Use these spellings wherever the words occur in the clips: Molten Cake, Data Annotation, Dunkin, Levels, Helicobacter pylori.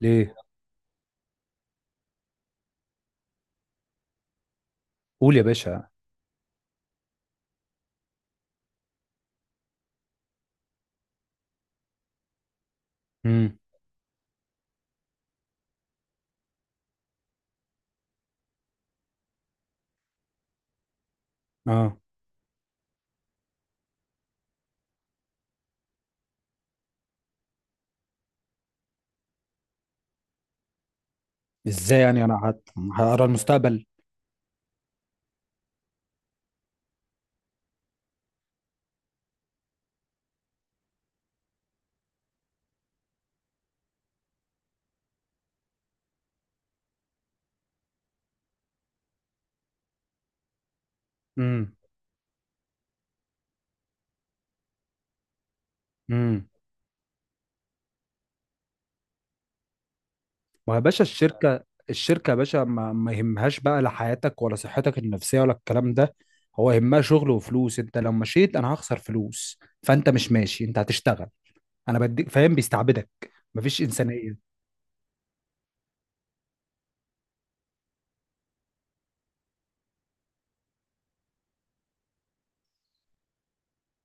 ليه؟ قول يا باشا. امم. اه. ازاي يعني هقرا المستقبل؟ امم. امم. ويا باشا الشركه يا باشا ما يهمهاش بقى لا حياتك ولا صحتك النفسيه ولا الكلام ده. هو يهمها شغل وفلوس، انت لو مشيت انا هخسر فلوس، فانت مش ماشي، انت هتشتغل. انا بديك، فاهم؟ بيستعبدك. مفيش انسانيه.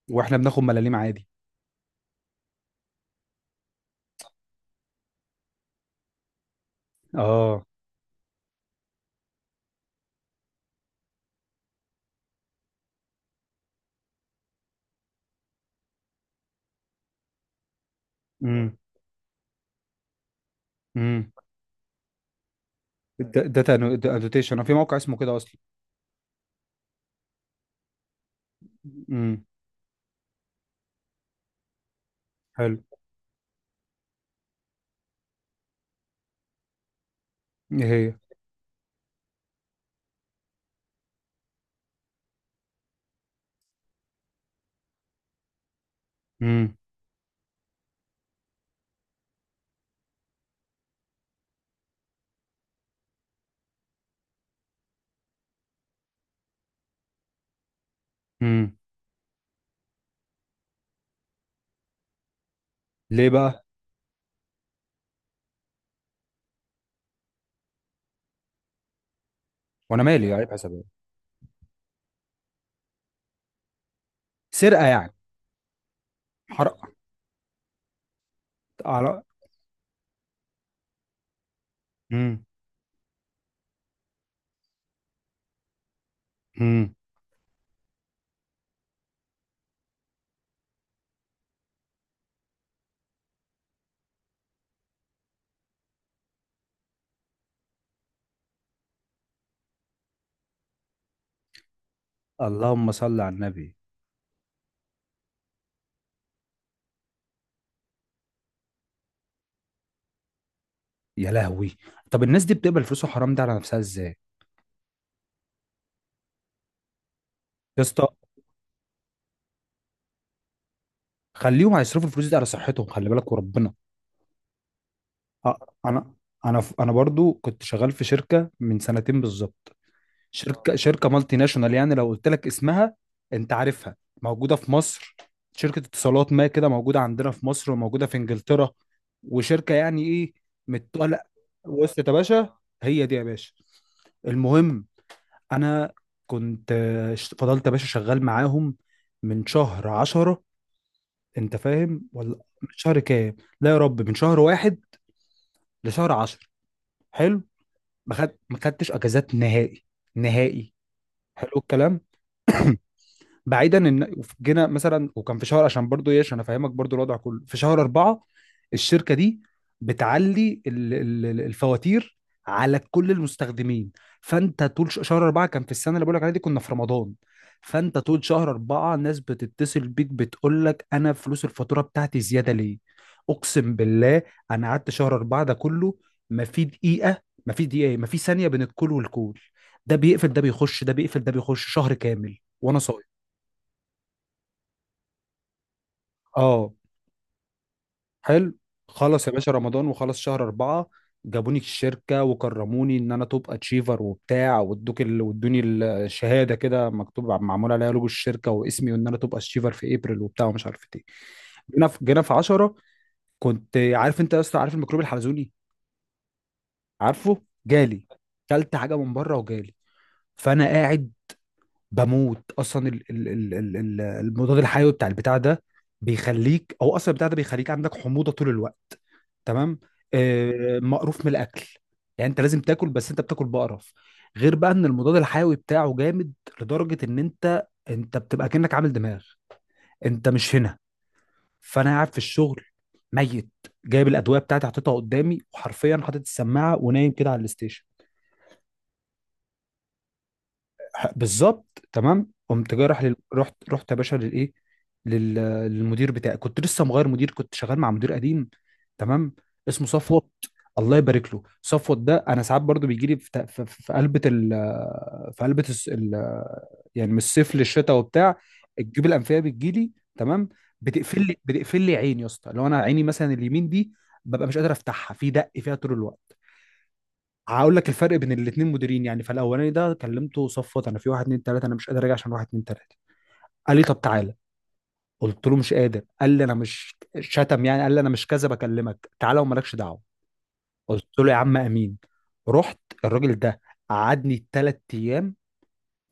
واحنا بناخد ملاليم عادي. اه. امم. امم. داتا انوتيشن في موقع اسمه كده اصلا. امم. حلو. ايه؟ هي. امم. امم. ليه بقى؟ وانا مالي عيب حسابي؟ سرقه يعني؟ حرقه. على. امم. امم. اللهم صل على النبي. يا لهوي! طب الناس دي بتقبل فلوس الحرام ده على نفسها ازاي؟ يا اسطى، خليهم هيصرفوا الفلوس دي على صحتهم، خلي بالك، وربنا. أ- انا انا برضو كنت شغال في شركه من سنتين بالظبط. شركه مالتي ناشونال، يعني لو قلت لك اسمها انت عارفها. موجوده في مصر، شركه اتصالات، ما كده موجوده عندنا في مصر وموجوده في انجلترا، وشركه يعني ايه، متطلع وسط يا باشا. هي دي يا باشا. المهم، انا كنت فضلت يا باشا شغال معاهم من شهر عشرة. انت فاهم ولا؟ من شهر كام؟ لا يا رب، من شهر واحد لشهر عشر. حلو. ما خدتش اجازات نهائي، نهائي. حلو الكلام. بعيدا ان جينا مثلا وكان في شهر، عشان برضو ايه عشان افهمك برضو الوضع كله، في شهر أربعة الشركة دي بتعلي الفواتير على كل المستخدمين. فانت طول شهر أربعة، كان في السنة اللي بقولك عليها دي كنا في رمضان. فانت طول شهر أربعة الناس بتتصل بيك بتقول لك انا فلوس الفاتورة بتاعتي زيادة ليه. اقسم بالله، انا قعدت شهر أربعة ده كله ما في دقيقة، ما في دقيقة، ما في ثانية، بين الكل والكل، ده بيقفل ده بيخش ده بيقفل ده بيخش، شهر كامل وانا صايم. اه. حلو. خلص يا باشا رمضان وخلص شهر أربعة، جابوني الشركة وكرموني إن أنا توب أتشيفر وبتاع، وادوني الشهادة كده مكتوب معمول عليها لوجو الشركة واسمي، وإن أنا توب أتشيفر في أبريل وبتاع ومش عارف إيه. جينا في 10، كنت عارف أنت يا اسطى عارف الميكروب الحلزوني؟ عارفه، جالي. كلت حاجة من بره وجالي. فأنا قاعد بموت أصلا، المضاد الحيوي بتاع البتاع ده بيخليك، أو أصلا البتاع ده بيخليك عندك حموضة طول الوقت، تمام؟ مقروف من الاكل، يعني انت لازم تاكل بس انت بتاكل بقرف. غير بقى ان المضاد الحيوي بتاعه جامد لدرجه ان انت بتبقى كأنك عامل دماغ، انت مش هنا. فانا قاعد في الشغل ميت، جايب الادويه بتاعتي حاططها قدامي وحرفيا حاطط السماعه ونايم كده على الستيشن. بالظبط، تمام. قمت جاي راح لل... رحت رحت يا باشا لل... للمدير بتاعي، كنت لسه مغير مدير، كنت شغال مع مدير قديم، تمام، اسمه صفوت. الله يبارك له، صفوت ده انا ساعات برضو بيجي لي في قلبه، ال... في قلبه الس- ال... يعني من الصيف للشتاء وبتاع، الجيوب الانفيه بتجي لي، تمام. بتقفل لي عين يا اسطى، لو انا عيني مثلا اليمين دي، ببقى مش قادر افتحها، في دق فيها طول الوقت. هقول لك الفرق بين الاثنين مديرين، يعني فالاولاني ده كلمته، صفت انا في واحد اتنين تلاته، انا مش قادر اجي عشان واحد اتنين تلاته. قال لي طب تعالى، قلت له مش قادر. قال لي انا مش شتم يعني، قال لي انا مش كذا، بكلمك تعالى ومالكش دعوه. قلت له يا عم، امين. رحت. الراجل ده قعدني ثلاث ايام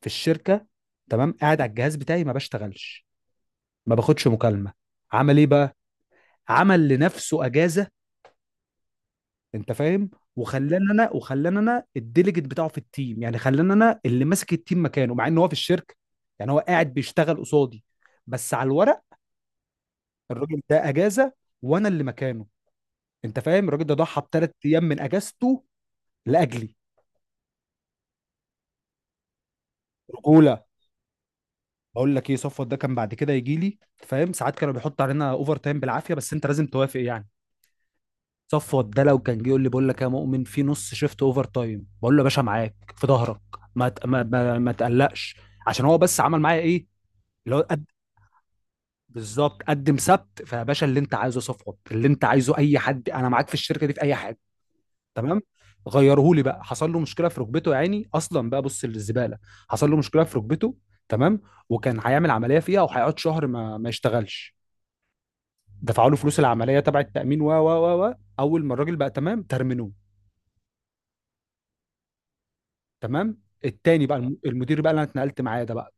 في الشركه، تمام، قاعد على الجهاز بتاعي ما بشتغلش، ما باخدش مكالمه. عمل ايه بقى؟ عمل لنفسه اجازه. انت فاهم؟ وخلاني انا الديليجيت بتاعه في التيم، يعني خلاني انا اللي ماسك التيم مكانه مع ان هو في الشركه، يعني هو قاعد بيشتغل قصادي بس على الورق. الراجل ده اجازه وانا اللي مكانه. انت فاهم؟ الراجل ده ضحى بثلاث ايام من اجازته لاجلي. رجوله. بقول لك ايه، صفوت ده كان بعد كده يجي لي، فاهم، ساعات كانوا بيحط علينا اوفر تايم بالعافيه بس انت لازم توافق يعني. صفوت ده لو كان جه يقول لي، بقول لك يا مؤمن في نص شيفت اوفر تايم، بقول له يا باشا معاك في ظهرك، ما ت- ما ما, ما تقلقش، عشان هو بس عمل معايا ايه اللي هو قد. بالظبط، قدم سبت فيا باشا، اللي انت عايزه يا صفوت، اللي انت عايزه اي حد، انا معاك في الشركه دي في اي حاجه، تمام. غيرهولي بقى، حصل له مشكله في ركبته، يا عيني اصلا، بقى بص للزباله. حصل له مشكله في ركبته، تمام، وكان هيعمل عمليه فيها وهيقعد شهر ما يشتغلش. دفعوا له فلوس العمليه تبع التامين و و و و. اول ما الراجل بقى تمام ترمنوه. تمام. التاني بقى المدير بقى اللي انا اتنقلت معاه ده بقى،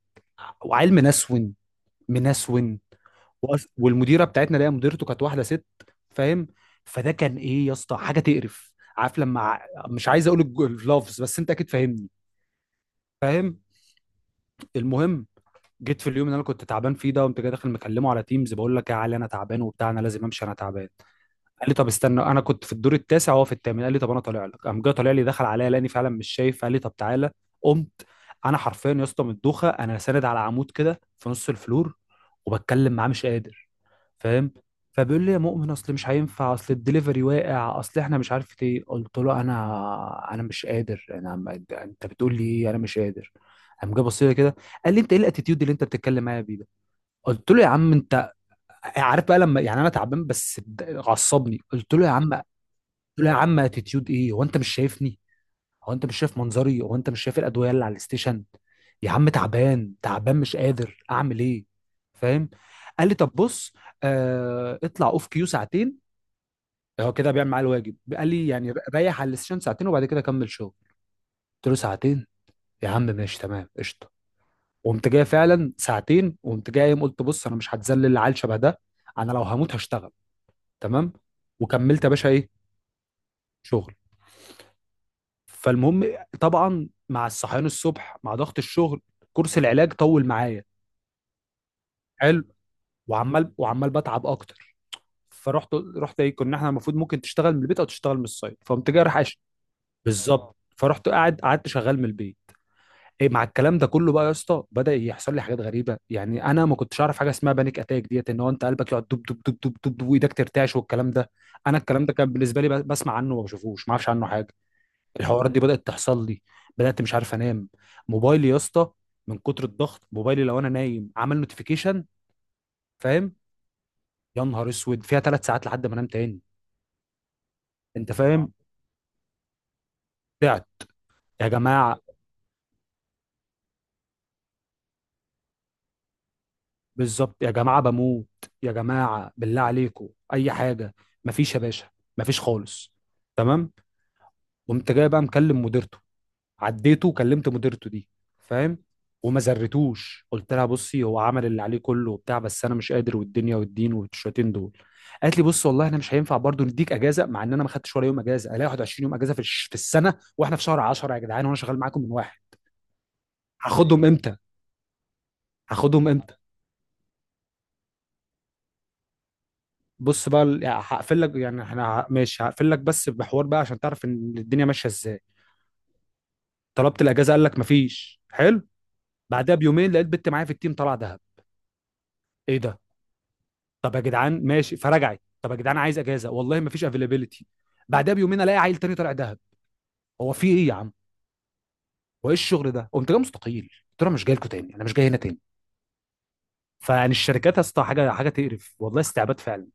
وعيل منسون، منسون. والمديره بتاعتنا اللي هي مديرته كانت واحده ست، فاهم؟ فده كان ايه يا اسطى، حاجه تقرف، عارف لما مش عايز اقول اللفظ، بس انت اكيد فاهمني، فاهم؟ المهم، جيت في اليوم اللي انا كنت تعبان فيه ده، قمت جاي داخل مكلمه على تيمز، بقول لك يا علي انا تعبان وبتاع، انا لازم امشي، انا تعبان. قال لي طب استنى، انا كنت في الدور التاسع وهو في الثامن، قال لي طب انا طالع لك. قام جه طالع لي، دخل عليا لاني فعلا مش شايف، قال لي طب تعالى. قمت. انا حرفيا يا اسطى من الدوخه انا ساند على عمود كده في نص الفلور، وبتكلم معاه مش قادر، فاهم؟ فبيقول لي يا مؤمن اصل مش هينفع، اصل الدليفري واقع، اصل احنا مش عارف ايه. قلت له انا مش قادر، انا ما- انت بتقول لي ايه، انا مش قادر. قام جه بص لي كده، قال لي انت ايه الاتيتيود اللي انت بتتكلم معايا بيه ده؟ قلت له يا عم انت، عارف بقى لما يعني انا تعبان بس عصبني، قلت له يا عم اتيتيود ايه؟ هو انت مش شايفني؟ هو انت مش شايف منظري؟ هو انت مش شايف الادويه اللي على الستيشن؟ يا عم تعبان، تعبان، مش قادر اعمل ايه، فاهم؟ قال لي طب بص، اطلع اوف كيو ساعتين، هو كده بيعمل معايا الواجب، قال لي يعني ريح على الستيشن ساعتين وبعد كده كمل شغل. قلت له ساعتين؟ يا عم ماشي، تمام، قشطه. وقمت جاي فعلا ساعتين، وقمت جاي قايم قلت بص انا مش هتذلل العيال شبه ده، انا لو هموت هشتغل، تمام. وكملت يا باشا ايه، شغل. فالمهم، طبعا مع الصحيان الصبح مع ضغط الشغل، كورس العلاج طول معايا، حلو. وعمال وعمال بتعب اكتر. فرحت رحت ايه، كنا احنا المفروض ممكن تشتغل من البيت او تشتغل من السايت، فقمت جاي بالظبط، فرحت قاعد قعدت شغال من البيت. ايه، مع الكلام ده كله بقى يا اسطى بدأ يحصل لي حاجات غريبه، يعني انا ما كنتش اعرف حاجه اسمها بانيك اتاك، ديت ان هو انت قلبك يقعد دب دب دب دب دب، وايدك ترتعش والكلام ده. انا الكلام ده كان بالنسبه لي بسمع عنه وما بشوفوش، ما اعرفش عنه حاجه. الحوارات دي بدأت تحصل لي، بدأت مش عارف انام. موبايلي يا اسطى من كتر الضغط، موبايلي لو انا نايم عمل نوتيفيكيشن، فاهم، يا نهار اسود، فيها ثلاث ساعات لحد ما انام تاني. انت فاهم، تعب. يا جماعة، بالظبط يا جماعة بموت، يا جماعة بالله عليكم اي حاجة، مفيش يا باشا، مفيش خالص، تمام. قمت جاي بقى مكلم مديرته، عديته، كلمت مديرته دي، فاهم، وما زرتوش. قلت لها بصي، هو عمل اللي عليه كله وبتاع، بس انا مش قادر، والدنيا والدين والشويتين دول. قالت لي بص والله احنا مش هينفع برضو نديك اجازه، مع ان انا ما خدتش ولا يوم اجازه، الاقي 21 يوم اجازه في السنه، واحنا في شهر 10 يا جدعان وانا شغال معاكم من واحد. هاخدهم امتى؟ هاخدهم امتى؟ بص بقى يعني هقفل لك، يعني احنا ماشي، هقفل لك بس بحوار بقى عشان تعرف ان الدنيا ماشيه ازاي. طلبت الاجازه، قال لك مفيش، حلو. بعدها بيومين لقيت بنت معايا في التيم طالعه دهب. ايه ده؟ طب يا جدعان ماشي، فرجعت طب يا جدعان عايز اجازه، والله ما فيش افيلابيلتي. بعدها بيومين الاقي عيل تاني طالع دهب، هو في ايه يا عم؟ هو ايه الشغل ده؟ قمت جاي مستقيل، قلت له أنا مش جاي لكم تاني، انا مش جاي هنا تاني. فيعني الشركات يا اسطى حاجه، حاجه تقرف والله، استعباد فعلا.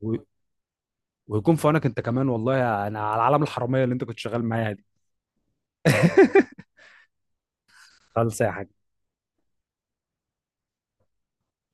و... ويكون في عونك انت كمان والله، انا على العالم الحراميه اللي انت كنت شغال معايا دي. خلص يا حاج.